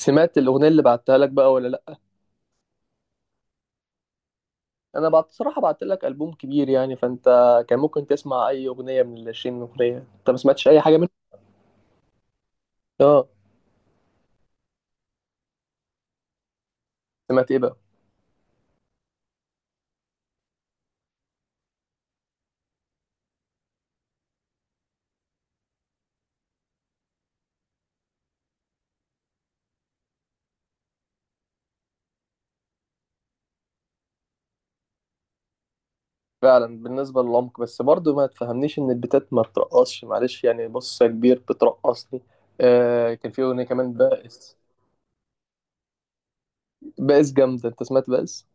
سمعت الأغنية اللي بعتها لك بقى ولا لأ؟ أنا بعت صراحة بعت لك ألبوم كبير يعني فأنت كان ممكن تسمع أي أغنية من العشرين أغنية، أنت ما سمعتش أي حاجة منهم؟ آه، سمعت إيه بقى؟ فعلا بالنسبة للعمق بس برضه ما تفهمنيش إن البتات ما بترقصش معلش يعني بص يا كبير بترقصني. آه، كان في أغنية كمان بائس. بائس جامدة، أنت سمعت بائس؟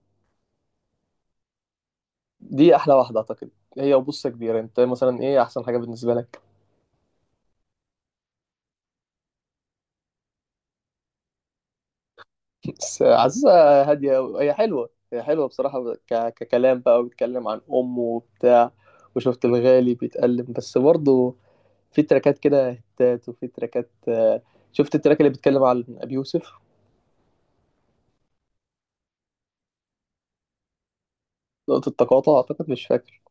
دي أحلى واحدة أعتقد. هي، وبص يا كبير، أنت مثلا إيه أحسن حاجة بالنسبة لك؟ بس عزيزة هادية أوي. هي حلوة، هي حلوة بصراحة ككلام بقى، وبيتكلم عن أمه وبتاع، وشفت الغالي بيتألم. بس برضه في تراكات كده هتات، وفي تراكات شفت التراك اللي بيتكلم عن أبي يوسف. نقطة تقاطع أعتقد، مش فاكر.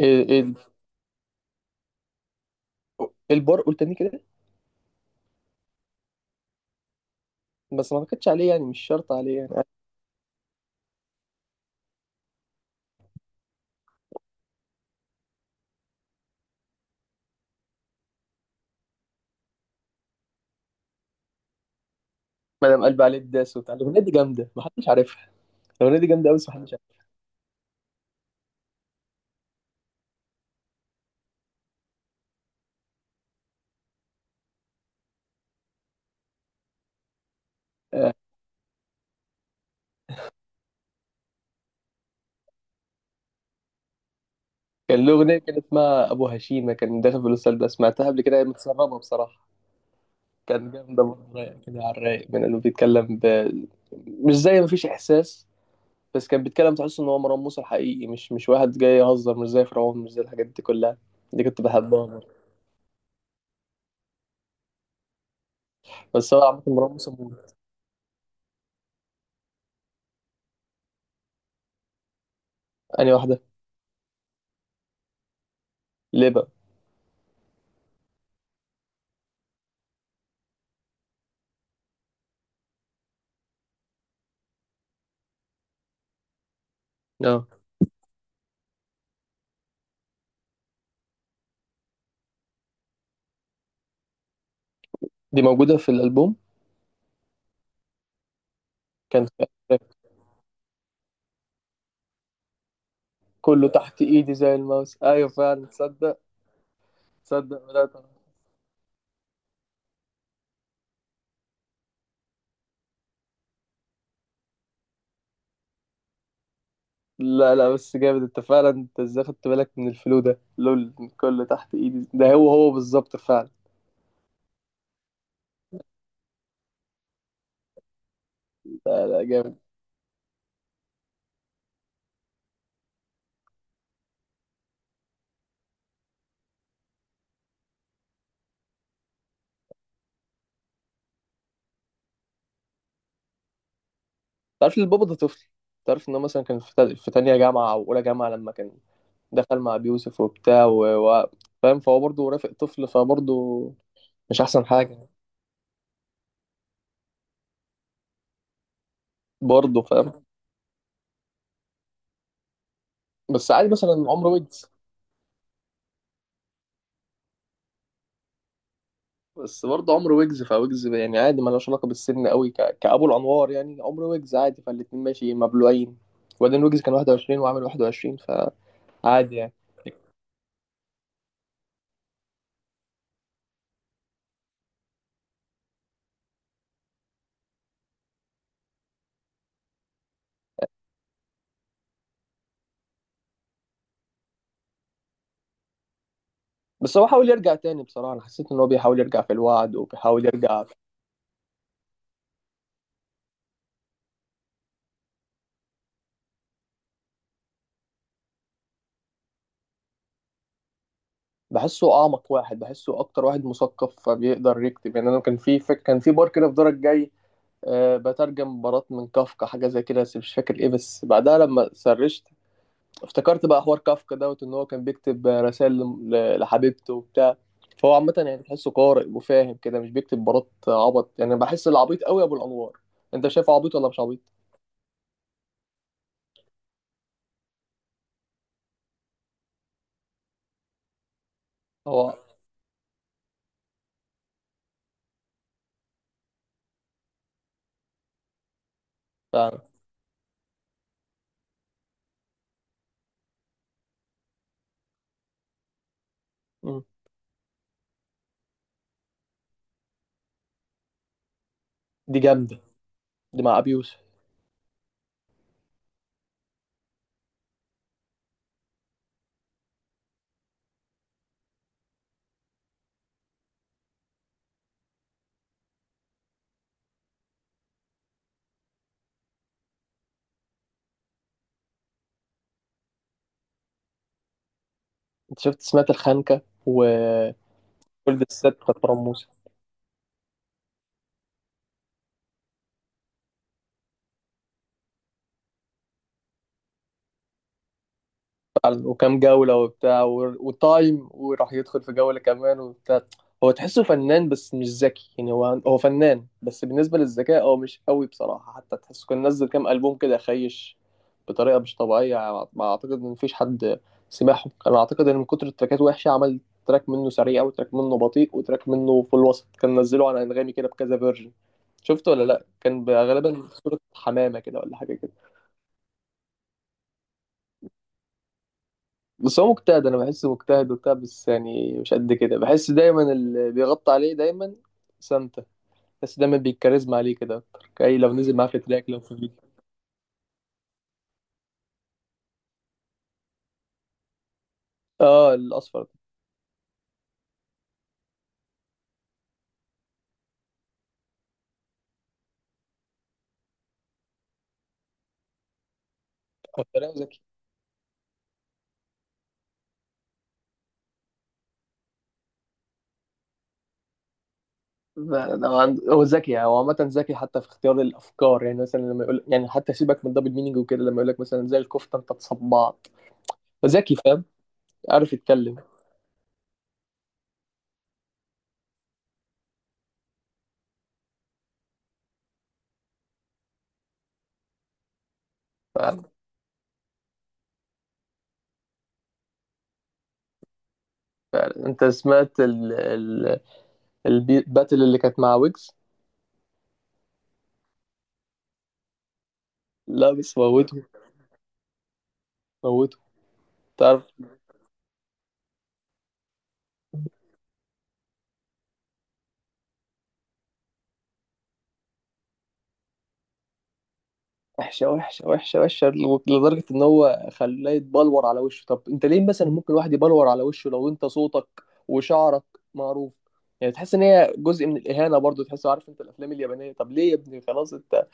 إيه، إيه، إيه البار، قول تاني كده. بس ما اعتقدش عليه يعني، مش شرط عليه يعني. مدام قلب عليه الداس وبتاع، الأغنية دي جامدة محدش عارفها. الأغنية دي جامدة أوي بس محدش عارفها. آه، كان له أغنية كانت اسمها أبو هشيمة، كان داخل في الأستاذ، بس سمعتها قبل كده، هي متسربة بصراحة. كانت جامدة برضه، رايقة كده على الرايق، من انه بيتكلم مش زي مفيش احساس. بس كان بيتكلم تحس ان هو مروان موسى الحقيقي، مش واحد جاي يهزر، مش زي فرعون، مش زي الحاجات دي كلها. دي كنت بحبها برضه. بس هو عامة مروان موسى موجود. انهي واحدة؟ ليه بقى؟ اه دي موجودة في الألبوم. كان في- كله تحت ايدي زي الماوس، ايوه فعلا تصدق. تصدق بدأت أعرف. لا لا، بس جامد انت فعلا، انت ازاي خدت بالك من الفلو ده لول؟ كله تحت ايدي، ده هو هو بالظبط فعلا. لا لا جامد. تعرف إن البابا ده طفل؟ تعرف ان هو مثلا كان في في تانية جامعة او اولى جامعة لما كان دخل مع بيوسف وبتاع فاهم، فهو برضه رافق طفل، فبرضه مش احسن حاجة. برضه فاهم. بس عادي مثلا عمرو ويجز، بس برضه عمرو ويجز فويجز يعني عادي، ملوش علاقة بالسن قوي كأبو الأنوار، يعني عمرو ويجز عادي فالاتنين ماشي مبلوعين. وبعدين ويجز كان 21 وعامل 21، فعادي يعني. بس هو حاول يرجع تاني، بصراحة أنا حسيت إن هو بيحاول يرجع في الوعد، وبيحاول يرجع. بحسه اعمق واحد، بحسه اكتر واحد مثقف فبيقدر يكتب. يعني انا كان في كان في بار كده في دورك جاي، أه بترجم مباراه من كافكا حاجه زي كده، بس مش فاكر ايه، بس بعدها لما سرشت افتكرت بقى حوار كافكا دوت ان هو كان بيكتب رسائل لحبيبته وبتاع. فهو عامه يعني تحسه قارئ وفاهم كده، مش بيكتب مباراه عبط يعني، بحس العبيط قوي ابو الانوار. انت شايفه عبيط ولا مش عبيط؟ هو فعلا. مم. دي جامده. دي مع ابي يوسف. انت شفت سمعت الخنكه وولد الست بتاع؟ فعلا، وكام جولة وبتاع وتايم، وراح يدخل في جولة كمان وبتاع. هو تحسه فنان بس مش ذكي يعني، هو هو فنان بس بالنسبة للذكاء هو مش قوي بصراحة. حتى تحسه كان نزل كام ألبوم كده خيش بطريقة مش طبيعية، ما أعتقد إن مفيش حد سمعهم. أنا أعتقد إن من كتر التراكات وحشة، عمل تراك منه سريع، وتراك منه بطيء، وتراك منه في الوسط، كان نزله على أنغامي كده بكذا فيرجن. شفته ولا لأ؟ كان غالبا صورة حمامة كده ولا حاجة كده. بس هو مجتهد، انا بحسه مجتهد وبتاع، بس يعني مش قد كده. بحس دايما اللي بيغطي عليه دايما سانتا. بس دايما بيكاريزما عليه كده اكتر، كأي لو نزل معاه في تراك، لو في فيديو. اه الاصفر. هو كلام ذكي. لا، لا، هو ذكي يعني، هو عامة ذكي حتى في اختيار الأفكار. يعني مثلا لما يقول، يعني حتى سيبك من الدبل مينينج وكده، لما يقول لك مثلا زي الكفتة أنت تصبعت. ذكي فاهم، عارف يتكلم. فعلا. فعلا أنت سمعت الباتل اللي كانت مع ويجز؟ لا بس موته. موته. تعرف، وحشه وحشه وحشه وحشه. لدرجه ان هو خلاه يتبلور على وشه. طب انت ليه مثلا؟ ممكن واحد يبلور على وشه لو انت صوتك وشعرك معروف. يعني تحس ان هي جزء من الاهانه برضو، تحس عارف انت الافلام اليابانيه. طب ليه يا ابني؟ خلاص انت،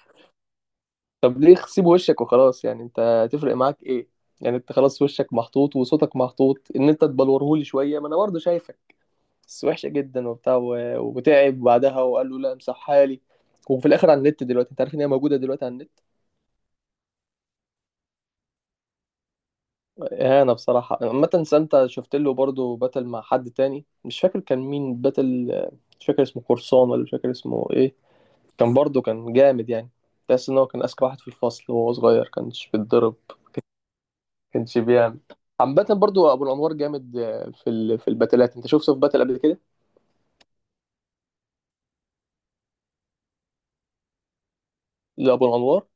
طب ليه سيب وشك وخلاص، يعني انت تفرق معاك ايه؟ يعني انت خلاص وشك محطوط وصوتك محطوط ان انت تبلورهولي شويه، ما انا برضو شايفك. بس وحشه جدا وبتاع وتعب بعدها، وقال له لا امسحها لي. وفي الاخر على النت دلوقتي، انت عارف ان هي موجوده دلوقتي على النت. اهانة بصراحة. عامة سانتا شفت له برضه باتل مع حد تاني، مش فاكر كان مين باتل، مش فاكر اسمه قرصان ولا مش فاكر اسمه ايه. كان برضه كان جامد يعني. تحس ان هو كان اذكى واحد في الفصل، وهو صغير كانش بيتضرب، كانش بيعمل. عامة برضه ابو الانوار جامد في في الباتلات. انت شفته في باتل قبل كده لابو الانوار؟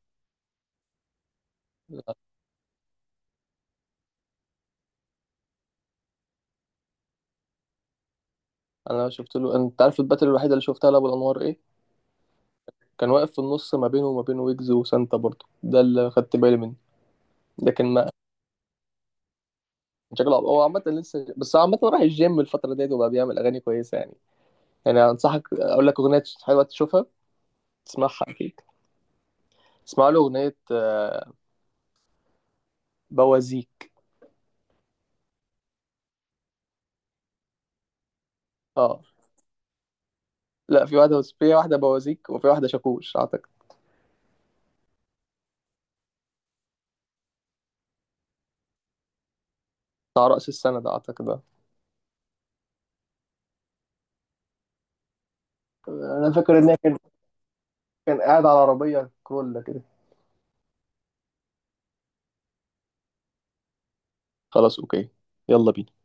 انا شفت له. انت عارف الباتل الوحيدة اللي شفتها لابو الانوار ايه؟ كان واقف في النص ما بينه وما بين ويجز وسانتا برضه، ده اللي خدت بالي منه. لكن ما شكله، هو عامة لسه. بس عامة راح الجيم الفترة ديت وبقى بيعمل أغاني كويسة يعني. يعني أنصحك أقول لك أغنية حلوة تشوفها، تسمعها أكيد. اسمع له أغنية بوازيك. أه لا، في واحدة، في واحدة بوازيك، وفي واحدة شاكوش أعتقد. بتاع رأس السنة ده أعتقد ده. أنا فاكر إن هي كان، كان قاعد على عربية كرولا كده. خلاص أوكي، يلا بينا.